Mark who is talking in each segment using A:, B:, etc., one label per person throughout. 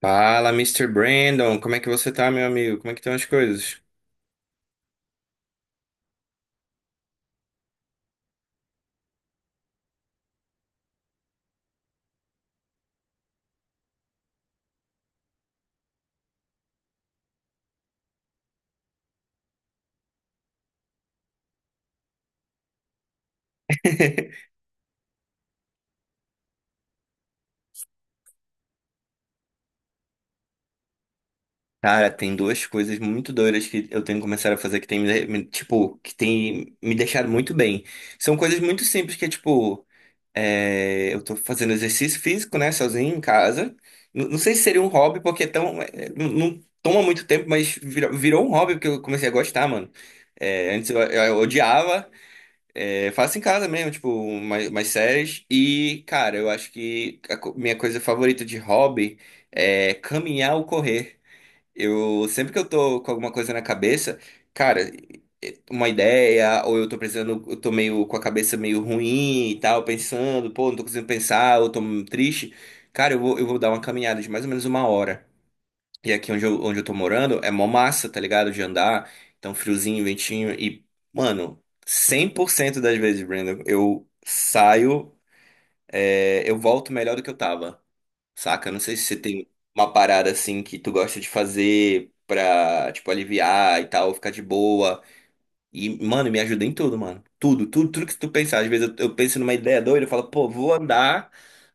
A: Fala, Mister Brandon, como é que você tá, meu amigo? Como é que estão as coisas? Cara, tem duas coisas muito doidas que eu tenho começado a fazer que tem tipo, que tem me deixado muito bem. São coisas muito simples que é tipo, eu tô fazendo exercício físico, né, sozinho em casa. Não sei se seria um hobby, porque é tão, não toma muito tempo, mas virou um hobby porque eu comecei a gostar, mano. É, antes eu odiava. É, faço em casa mesmo, tipo, umas séries. E, cara, eu acho que minha coisa favorita de hobby é caminhar ou correr. Eu, sempre que eu tô com alguma coisa na cabeça, cara, uma ideia, ou eu tô precisando, eu tô meio com a cabeça meio ruim e tal, pensando, pô, não tô conseguindo pensar, ou tô triste, cara, eu vou dar uma caminhada de mais ou menos uma hora. E aqui onde eu tô morando é mó massa, tá ligado? De andar. Então, friozinho, ventinho. E, mano, 100% das vezes, Brandon, eu saio, eu volto melhor do que eu tava, saca? Não sei se você tem uma parada assim que tu gosta de fazer pra, tipo, aliviar e tal, ficar de boa. E, mano, me ajuda em tudo, mano. Tudo, tudo, tudo que tu pensar. Às vezes eu penso numa ideia doida, eu falo, pô, vou andar.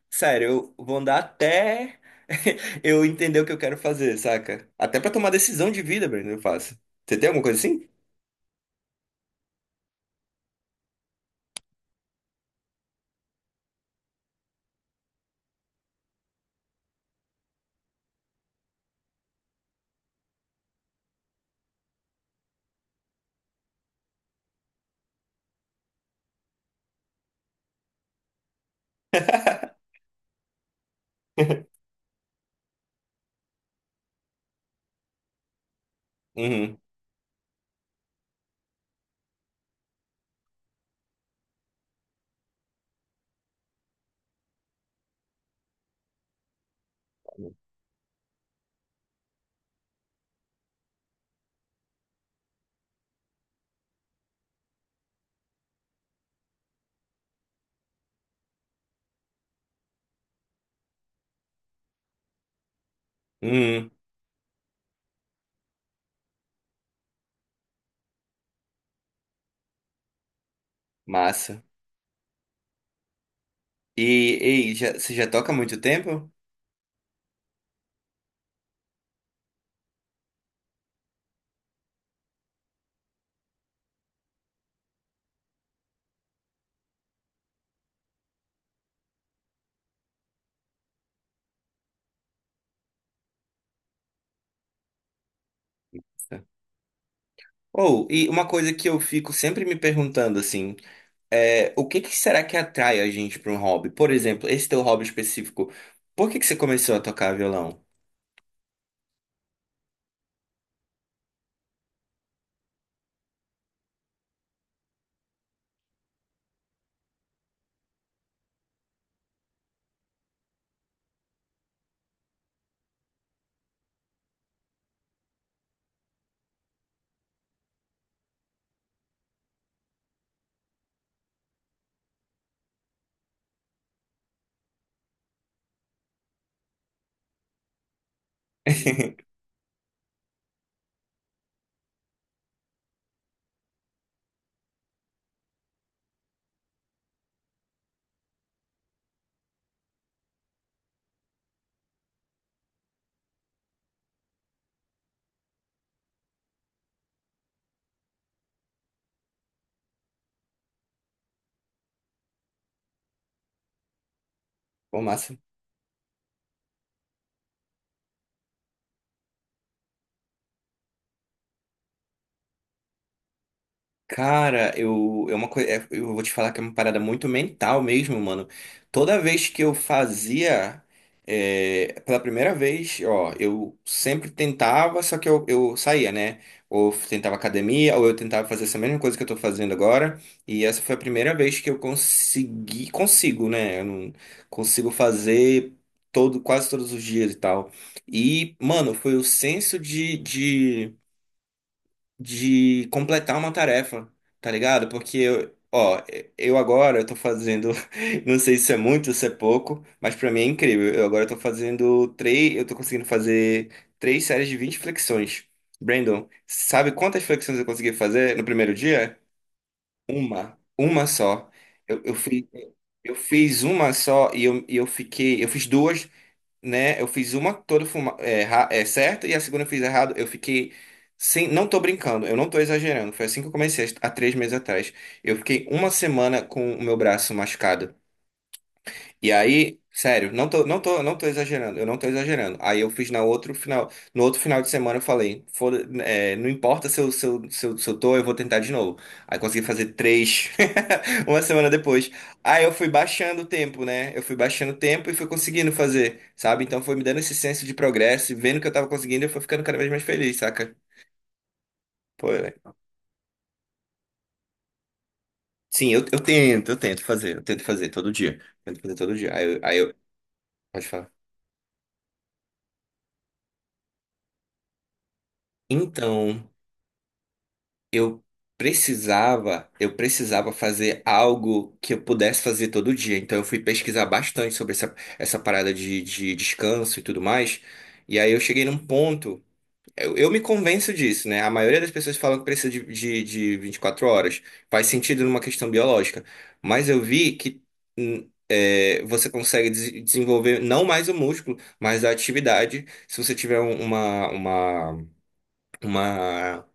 A: Sério, eu vou andar até eu entender o que eu quero fazer, saca? Até pra tomar decisão de vida, Breno, eu faço. Você tem alguma coisa assim? Uhum, uhum, massa. E, ei, já, você já toca há muito tempo? Ou, e uma coisa que eu fico sempre me perguntando, assim, o que que será que atrai a gente pra um hobby? Por exemplo, esse teu hobby específico, por que que você começou a tocar violão? Pô, massa. Cara, eu, eu vou te falar que é uma parada muito mental mesmo, mano. Toda vez que eu fazia, pela primeira vez, ó, eu sempre tentava, só que eu saía, né? Ou tentava academia, ou eu tentava fazer essa mesma coisa que eu tô fazendo agora. E essa foi a primeira vez que eu consegui, consigo, né? Eu não consigo fazer todo, quase todos os dias e tal. E, mano, foi o senso de, de completar uma tarefa, tá ligado? Porque eu, ó, eu agora tô fazendo, não sei se é muito, se é pouco, mas pra mim é incrível. Eu agora tô fazendo três, eu tô conseguindo fazer três séries de 20 flexões. Brandon, sabe quantas flexões eu consegui fazer no primeiro dia? Uma só. Eu, eu fui- eu fiz uma só e eu fiquei. Eu fiz duas, né? Eu fiz uma toda fuma- é, ra- é, certa e a segunda eu fiz errado. Eu fiquei sem, não tô brincando, eu não tô exagerando. Foi assim que eu comecei há 3 meses atrás. Eu fiquei uma semana com o meu braço machucado. E aí, sério, não tô exagerando, eu não tô exagerando. Aí eu fiz no outro final de semana eu falei, foda, é, não importa se eu tô, eu vou tentar de novo. Aí consegui fazer três, uma semana depois. Aí eu fui baixando o tempo, né? Eu fui baixando o tempo e fui conseguindo fazer, sabe? Então foi me dando esse senso de progresso e vendo que eu tava conseguindo, eu fui ficando cada vez mais feliz, saca? Pô, é. Sim, eu, eu tento fazer todo dia. Tento fazer todo dia. Pode falar. Então. Eu precisava, Eu precisava fazer algo que eu pudesse fazer todo dia. Então eu fui pesquisar bastante sobre essa parada de descanso e tudo mais. E aí eu cheguei num ponto. Eu me convenço disso, né? A maioria das pessoas falam que precisa de 24 horas. Faz sentido numa questão biológica. Mas eu vi que você consegue desenvolver não mais o músculo, mas a atividade, se você tiver uma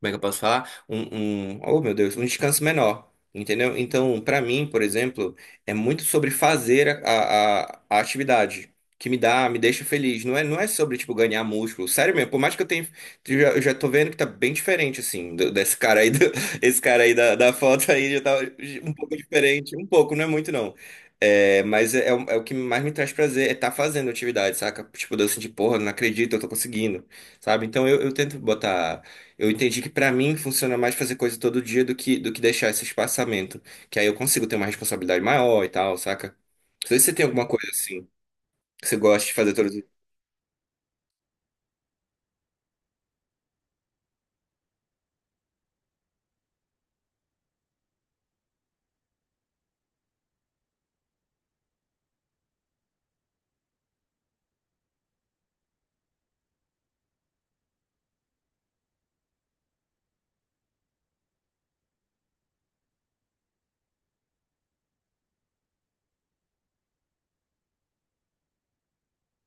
A: como é que eu posso falar? Oh meu Deus, um descanso menor, entendeu? Então, para mim, por exemplo, é muito sobre fazer a atividade. Que me dá, me deixa feliz. Não é, não é sobre, tipo, ganhar músculo. Sério mesmo, por mais que eu tenha. Eu já tô vendo que tá bem diferente, assim, desse cara aí, esse cara aí da foto aí já tá um pouco diferente. Um pouco, não é muito, não. É, mas é, é o que mais me traz prazer, é estar fazendo atividade, saca? Tipo, de eu sentir, porra, não acredito, eu tô conseguindo, sabe? Então eu tento botar. Eu entendi que pra mim funciona mais fazer coisa todo dia do que deixar esse espaçamento. Que aí eu consigo ter uma responsabilidade maior e tal, saca? Não sei se você tem alguma coisa assim que você gosta de fazer todo dia.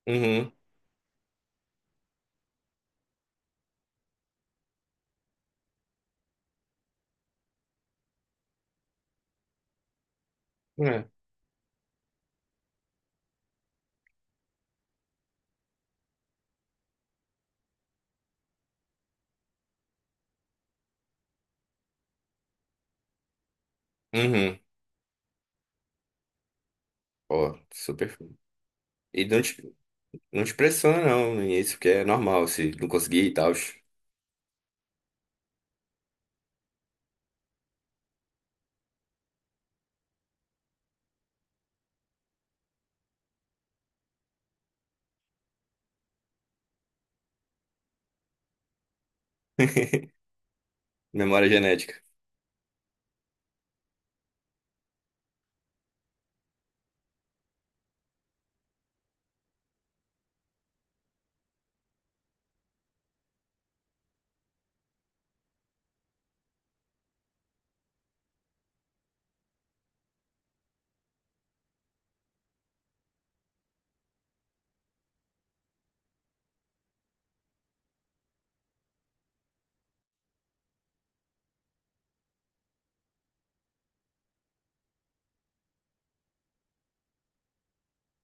A: Uhum. É. Uhum. Ó, super. Fun. E não te pressiona, não. Isso porque é normal, se não conseguir e tal. Memória genética.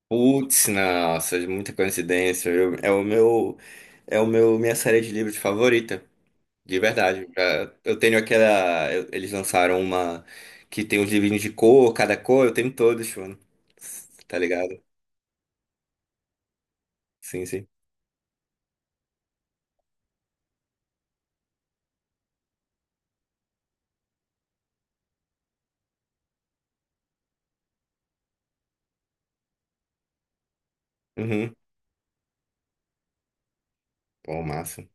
A: Putz, nossa, muita coincidência. É o meu, minha série de livros favorita. De verdade. Eu tenho aquela. Eles lançaram uma que tem os livrinhos de cor, cada cor, eu tenho todos, mano. Tá ligado? Sim, sim. Uhum. Pô, massa.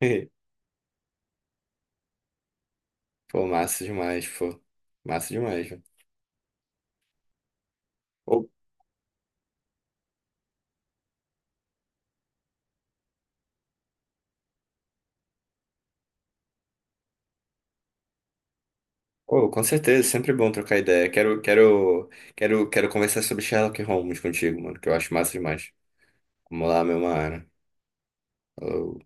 A: Pô. Massa demais, mano. Pô, pô, com certeza, sempre bom trocar ideia. Quero conversar sobre Sherlock Holmes contigo, mano, que eu acho massa demais. Vamos lá, meu mano. Falou.